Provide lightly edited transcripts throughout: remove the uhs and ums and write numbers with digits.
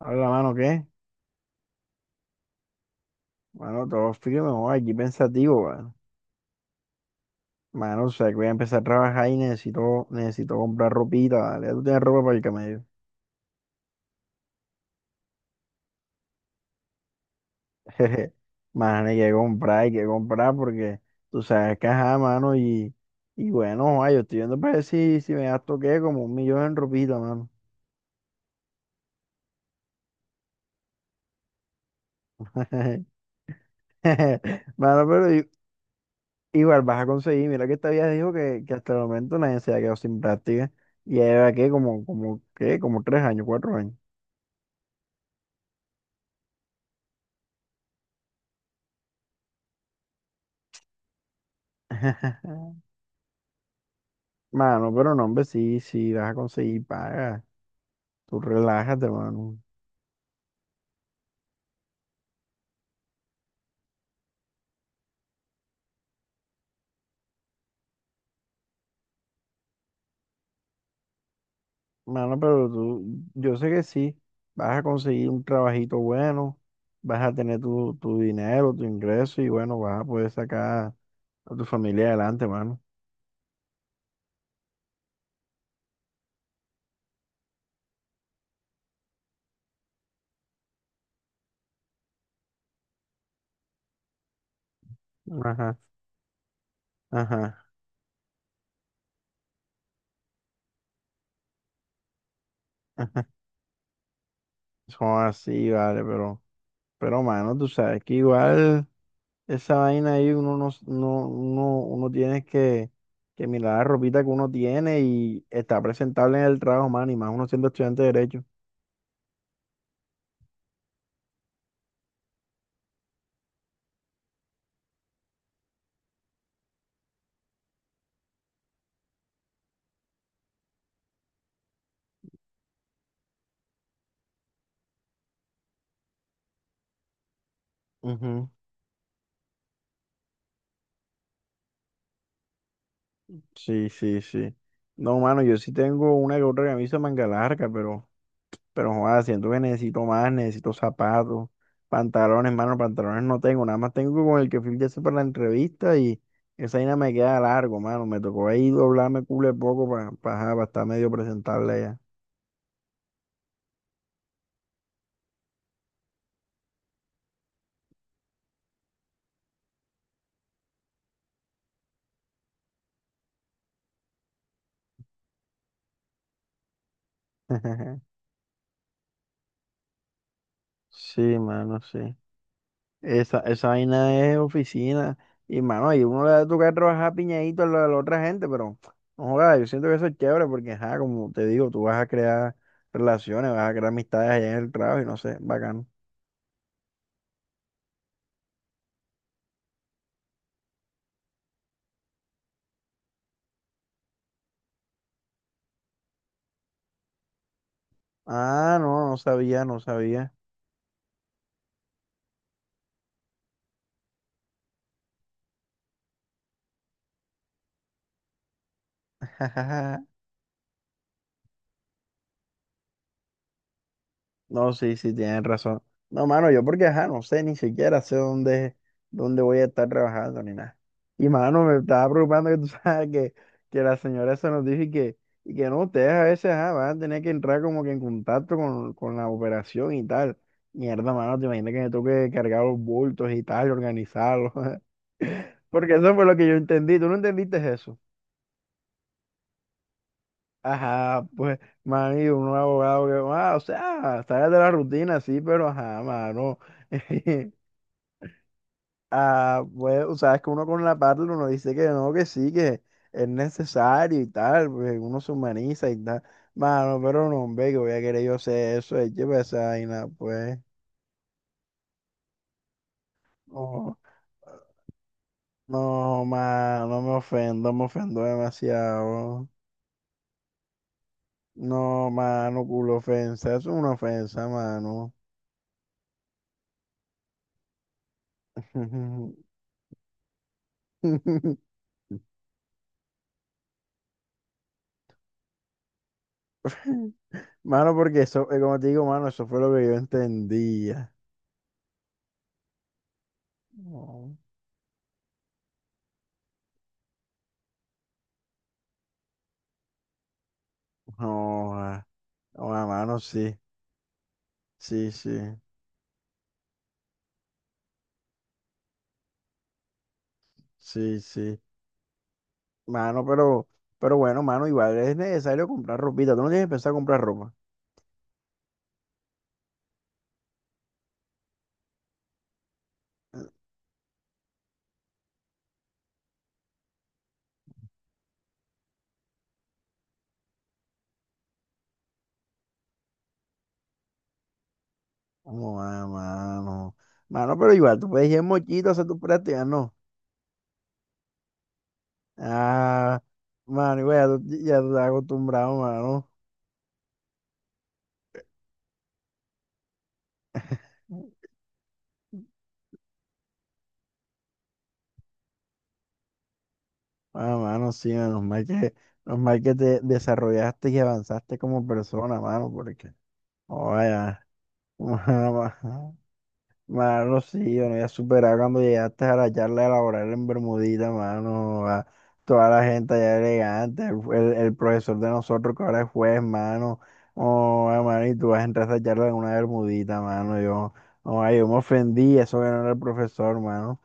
Habla, mano, ¿qué? Mano, todo frío, no, aquí pensativo, mano. Mano, o sea, que voy a empezar a trabajar y necesito comprar ropita, ¿vale? Tú tienes ropa para el camello. Jeje. Mano, hay que comprar porque tú sabes que ajá, mano, y bueno, ay, yo estoy viendo para ver si me gasto, ¿qué? Como un millón en ropita, mano. Mano, pero igual vas a conseguir. Mira que esta vieja dijo que hasta el momento nadie se ha quedado sin práctica. Y ya lleva, ¿qué? ¿Qué? Como tres años, cuatro años. Mano, pero no, hombre, sí, sí, vas a conseguir paga. Tú relájate, mano. Mano, pero tú, yo sé que sí, vas a conseguir un trabajito bueno, vas a tener tu dinero, tu ingreso y bueno, vas a poder sacar a tu familia adelante, mano. Ajá, ajá, ajá. Son así, vale, pero, mano, tú sabes que igual. Esa vaina ahí uno no, no, uno, uno tiene que mirar la ropita que uno tiene y está presentable en el trabajo, mano, y más uno siendo estudiante de Derecho. Ujú. Sí, sí, sí. No, mano, yo sí tengo una que otra camisa de manga larga, pero joder, siento que necesito más, necesito zapatos, pantalones, mano, pantalones no tengo, nada más tengo con el que fui ya para la entrevista y esa vaina me queda largo, mano. Me tocó ahí doblarme culo de poco para, estar medio presentable ya. Sí, mano, sí. Esa vaina es oficina. Y, mano, ahí uno le va a tocar trabajar piñadito a a la otra gente, pero no joda, yo siento que eso es chévere porque, ajá, como te digo, tú vas a crear relaciones, vas a crear amistades allá en el trabajo y no sé, bacano. Ah, no, no sabía, no sabía. No, sí, sí, tienes razón. No, mano, yo porque, ajá, no sé, ni siquiera sé dónde, dónde voy a estar trabajando ni nada. Y, mano, me estaba preocupando que tú sabes que la señora esa nos dijo y que no, ustedes a veces, ajá, van a tener que entrar como que en contacto con la operación y tal. Mierda, mano, te imaginas que me toque cargar los bultos y tal, y organizarlos. Porque eso fue lo que yo entendí. ¿Tú no entendiste eso? Ajá, pues, mami, un abogado que, ah, o sea, sales de la rutina, sí, pero ajá, mano. Ah, pues, o sea, es que uno con la parte uno dice que no, que sí, que es necesario y tal, pues uno se humaniza y tal. Mano, pero no, hombre, que voy a querer yo hacer eso, es que pues, esa vaina, pues. No, no, mano, no me ofendo, me ofendo demasiado. No, mano, culo ofensa, eso es una ofensa, mano. Mano, porque eso, como te digo, mano, eso fue lo que yo entendía. No. No, ah, no, ah, mano, sí, sí, sí, sí, sí. Mano, pero bueno, mano, igual es necesario comprar ropita. Tú no tienes que pensar comprar ropa. No, ah, mano. Mano, pero igual, tú puedes ir en mochito a hacer tus prácticas, ¿no? Ah, mano, igual ya tú estás acostumbrado, mano. Ah, mano, sí, menos mal que te desarrollaste y avanzaste como persona, mano, porque oye, mano, mano, sí, yo no iba a superar cuando llegaste a la charla laboral en Bermudita, mano. A toda la gente allá elegante, el profesor de nosotros que ahora es juez, mano. Oh, mano, y tú vas a entrar a esa charla en una Bermudita, mano. Yo, ay, yo me ofendí, eso que no era el profesor, mano.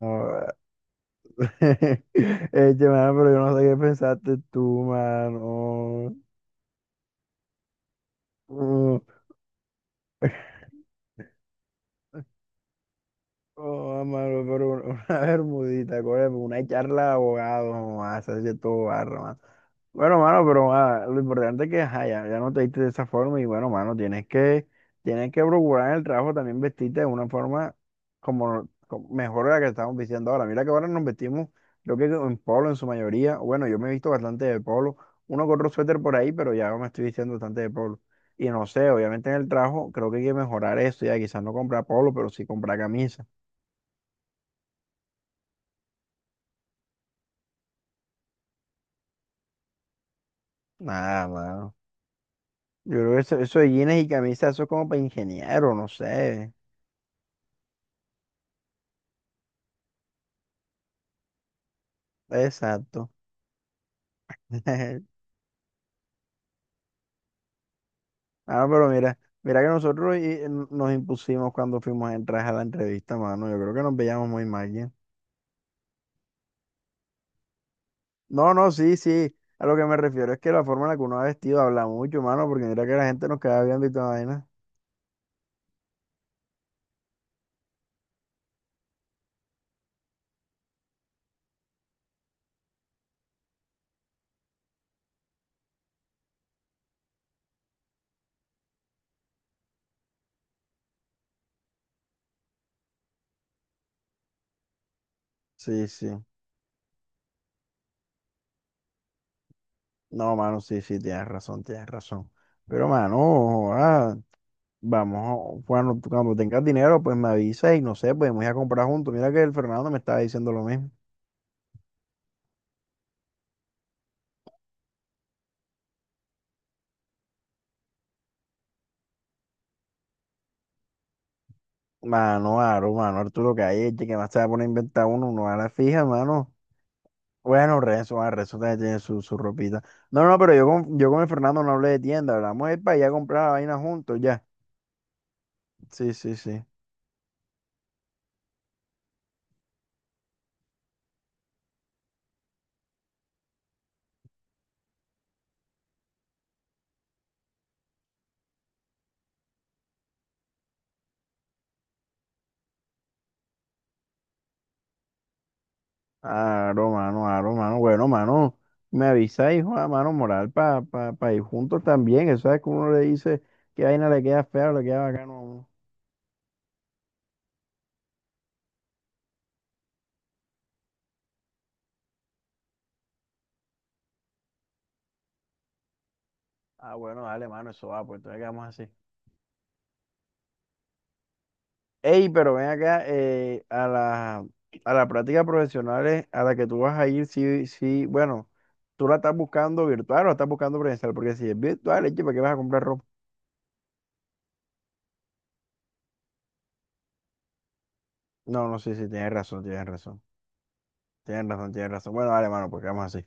Joda. Eche, mano, pero yo no sé qué pensaste tú, mano. Mm. Oh, mano, pero una una bermudita, coño, una charla de abogados, mamá, se hace todo barro, mano. Bueno, mano, pero ah, lo importante es que ajá, ya no te diste de esa forma y bueno, mano, tienes que procurar en el trabajo también vestirte de una forma como, como mejor de la que estamos vistiendo ahora. Mira que ahora nos vestimos, creo que en polo en su mayoría. Bueno, yo me he visto bastante de polo, uno con otro suéter por ahí, pero ya me estoy vistiendo bastante de polo. Y no sé, obviamente en el trabajo creo que hay que mejorar eso, ya quizás no comprar polo, pero sí comprar camisas. Nada, mano. Yo creo que eso de jeans y camisas, eso es como para ingeniero, no sé. Exacto. Ah, pero mira, mira que nosotros no, nos impusimos cuando fuimos a entrar a la entrevista, mano. Yo creo que nos veíamos muy mal, ¿ya? No, no, sí, sí. A lo que me refiero es que la forma en la que uno ha vestido habla mucho, mano, porque mira que la gente nos queda viendo y toda vaina. Sí, sí. No, mano, sí, sí, tienes razón, tienes razón. Pero, mano, vamos, bueno, tú cuando tengas dinero, pues me avisas y no sé, podemos ir a comprar juntos. Mira que el Fernando me estaba diciendo lo mismo. Mano, Aro, mano, Arturo, que hay, este que más se va a poner a inventar uno a la fija, mano. Bueno, Renzo, ah, Renzo también tiene su ropita. No, no, pero yo yo con el Fernando no hablé de tienda, hablamos de ir para allá a comprar la vaina juntos, ya. Sí, sí, sí. Aro, mano, aro, mano. Bueno, mano, me avisa, hijo, a mano, moral, para pa, pa pa ir juntos también. Eso es que uno le dice que vaina le queda fea o le queda bacano a uno. Ah, bueno, dale, mano, eso va, pues entonces quedamos así. Ey, pero ven acá, a a la práctica profesional a la que tú vas a ir, sí, sí, bueno, tú la estás buscando virtual o la estás buscando presencial, porque si es virtual, eche, ¿para qué vas a comprar ropa? No, no, sí, sí, tienes razón, tienes razón, tienes razón, tienes razón. Bueno, dale, mano, pues quedamos así.